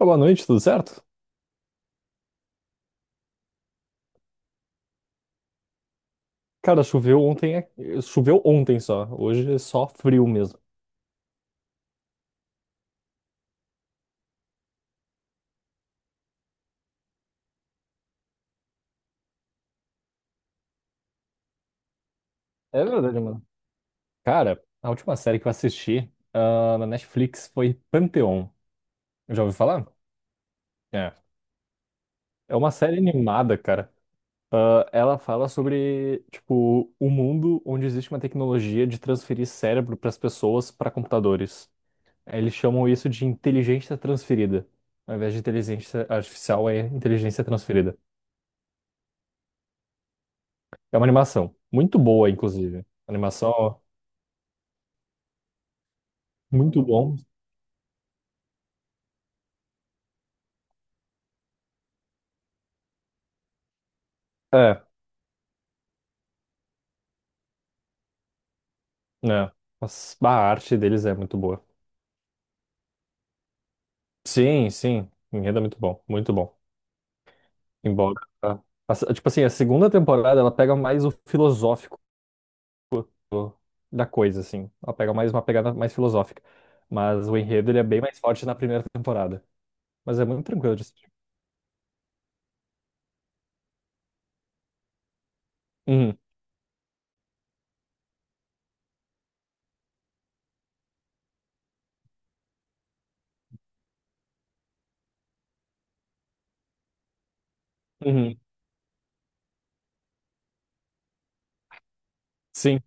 Boa noite, tudo certo? Cara, choveu ontem, choveu ontem só. Hoje é só frio mesmo. É verdade, mano. Cara, a última série que eu assisti, na Netflix foi Pantheon. Já ouviu falar? É. É uma série animada, cara. Ah, ela fala sobre, tipo, o mundo onde existe uma tecnologia de transferir cérebro para as pessoas para computadores. Eles chamam isso de inteligência transferida. Ao invés de inteligência artificial, é inteligência transferida. É uma animação. Muito boa, inclusive. Animação muito bom. É, né? Mas a arte deles é muito boa. Sim, sim. Enredo é muito bom. Muito bom. Embora. a- tipo assim, a segunda temporada ela pega mais o filosófico da coisa, assim. Ela pega mais uma pegada mais filosófica. Mas o enredo ele é bem mais forte na primeira temporada. Mas é muito tranquilo de assistir. Uhum, uhum. Sim.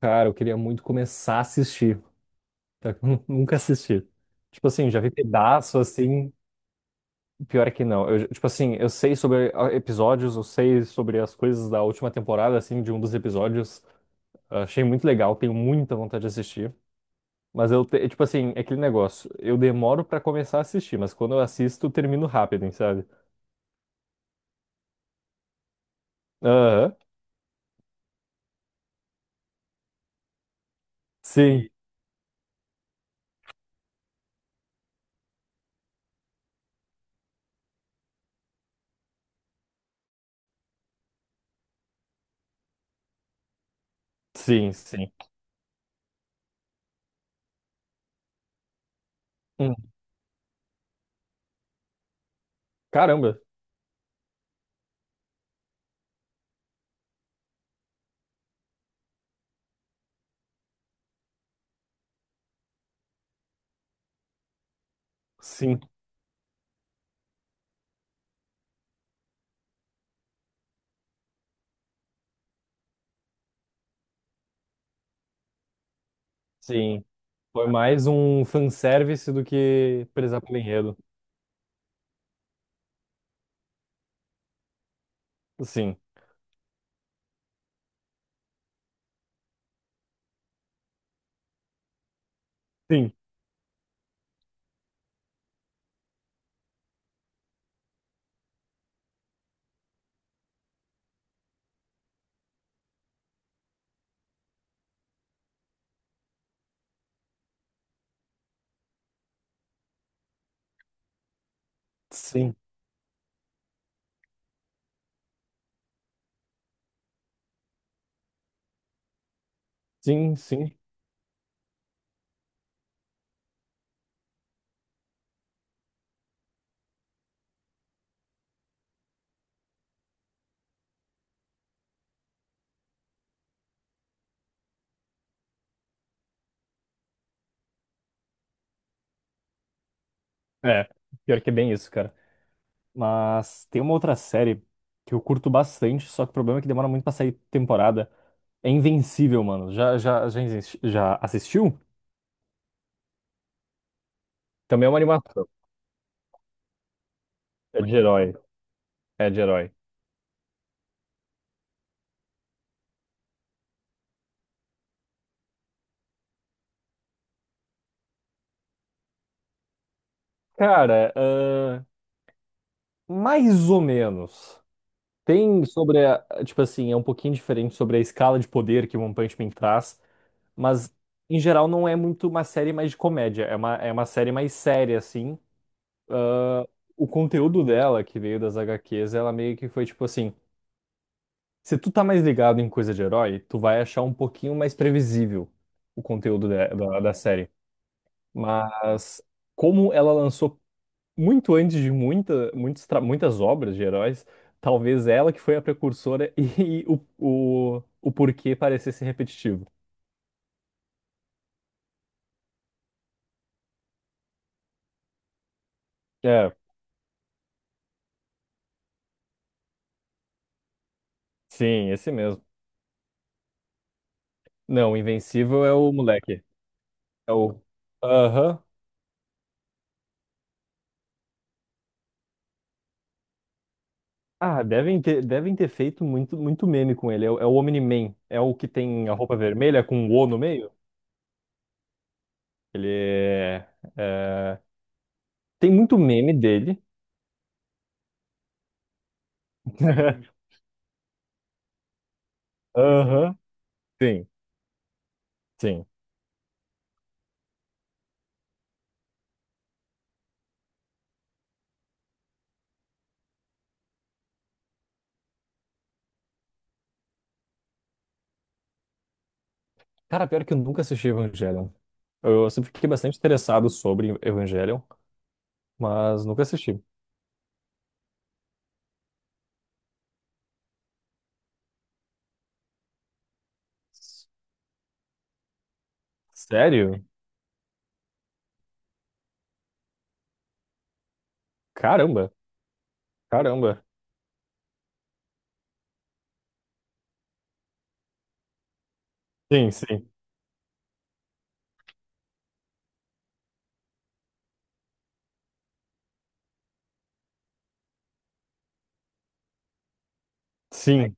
Cara, eu queria muito começar a assistir. Tá? Nunca assisti. Tipo assim, já vi pedaço assim. Pior é que não. Eu, tipo assim, eu sei sobre episódios, eu sei sobre as coisas da última temporada, assim, de um dos episódios. Ah, achei muito legal, tenho muita vontade de assistir. Mas eu, tipo assim, é aquele negócio. Eu demoro pra começar a assistir, mas quando eu assisto, eu termino rápido, hein, sabe? Aham. Sim, sim, sim. Hum, caramba. Sim, sim. Foi mais um fanservice do que prezar pelo enredo. Sim, sim, sim, sim, sim. É, pior que é bem isso, cara. Mas tem uma outra série que eu curto bastante, só que o problema é que demora muito pra sair temporada. É Invencível, mano. Já, já assistiu? Também é uma animação. É de herói. É de herói. Cara, mais ou menos. Tem sobre tipo assim, é um pouquinho diferente sobre a escala de poder que One Punch Man traz, mas em geral não é muito uma série mais de comédia, é uma série mais séria, assim. O conteúdo dela, que veio das HQs, ela meio que foi tipo assim. Se tu tá mais ligado em coisa de herói, tu vai achar um pouquinho mais previsível o conteúdo da, da série. Mas como ela lançou muito antes de muitas obras de heróis, talvez ela que foi a precursora e o porquê parecesse repetitivo. É, sim, esse mesmo. Não, o Invencível é o moleque. É o. Aham. Ah, devem ter feito muito, muito meme com ele. É, o é o Omni-Man. É o que tem a roupa vermelha com o O no meio? Ele é, tem muito meme dele. Aham. Sim, sim. Cara, pior que eu nunca assisti Evangelion. Eu sempre fiquei bastante interessado sobre Evangelion, mas nunca assisti. Sério? Caramba, caramba. Sim, sim. Sim,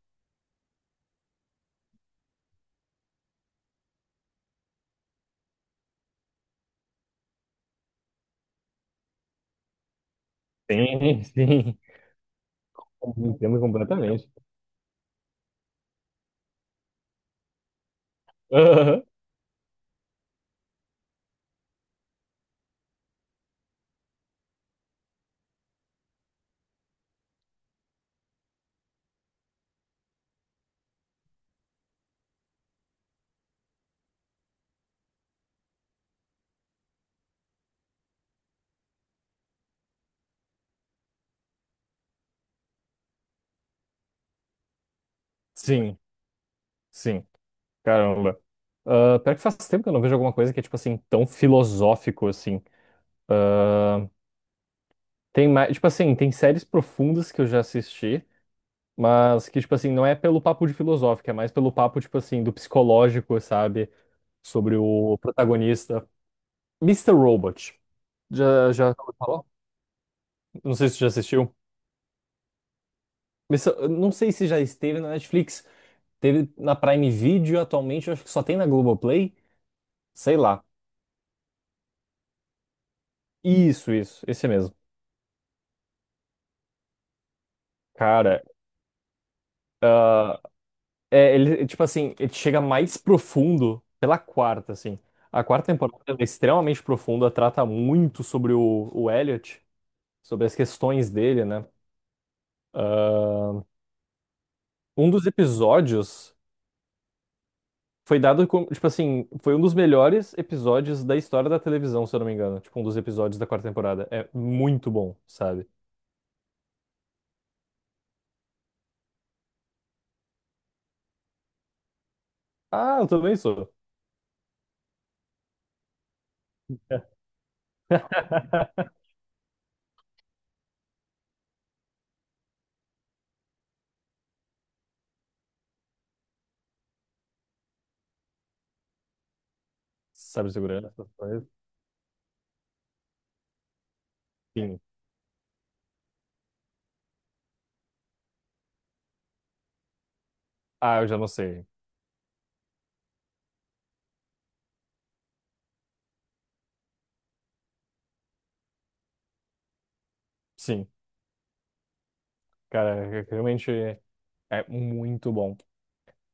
sim, sim. Entendo completamente. Aham. Sim, sim. Caramba. Ah, pior que faz tempo que eu não vejo alguma coisa que é, tipo assim, tão filosófico, assim. Ah, tem mais, tipo assim, tem séries profundas que eu já assisti, mas que, tipo assim, não é pelo papo de filosófico, é mais pelo papo, tipo assim, do psicológico, sabe? Sobre o protagonista. Mister Robot. Já falou? Não sei se você já assistiu. Mr. eu não sei se já esteve na Netflix. Teve na Prime Video atualmente, eu acho que só tem na Globoplay. Sei lá. Isso, esse mesmo. Cara, é, ele, tipo assim, ele chega mais profundo pela quarta, assim. A quarta temporada ela é extremamente profunda, trata muito sobre o Elliot, sobre as questões dele, né? Um dos episódios foi dado como, tipo assim, foi um dos melhores episódios da história da televisão, se eu não me engano. Tipo, um dos episódios da quarta temporada. É muito bom, sabe? Ah, eu também sou. Sabe segurança? Sim. Ah, eu já não sei. Sim. Cara, é, realmente é muito bom.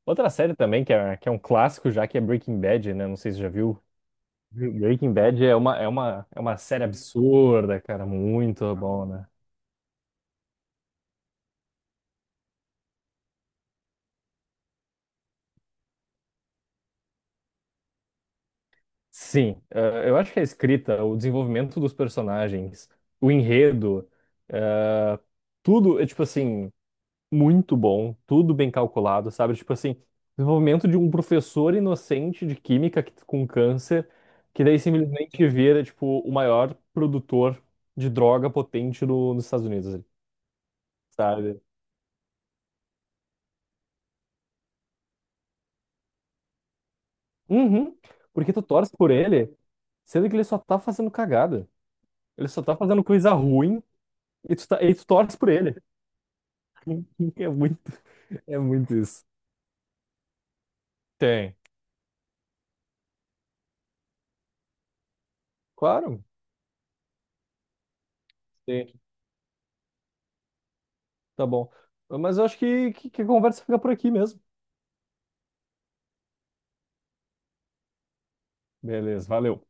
Outra série também que é um clássico já, que é Breaking Bad, né? Não sei se você já viu. Breaking Bad é é uma série absurda, cara, muito bom, né? Sim, eu acho que a escrita, o desenvolvimento dos personagens, o enredo, eh, tudo é, tipo assim, muito bom, tudo bem calculado, sabe? Tipo assim, desenvolvimento de um professor inocente de química com câncer, que daí simplesmente vira, tipo, o maior produtor de droga potente no, nos Estados Unidos. Sabe? Uhum. Porque tu torce por ele, sendo que ele só tá fazendo cagada. Ele só tá fazendo coisa ruim e e tu torce por ele. É muito, é muito isso. Tem. Claro, tem. Tá bom. Mas eu acho que a conversa fica por aqui mesmo. Beleza, valeu.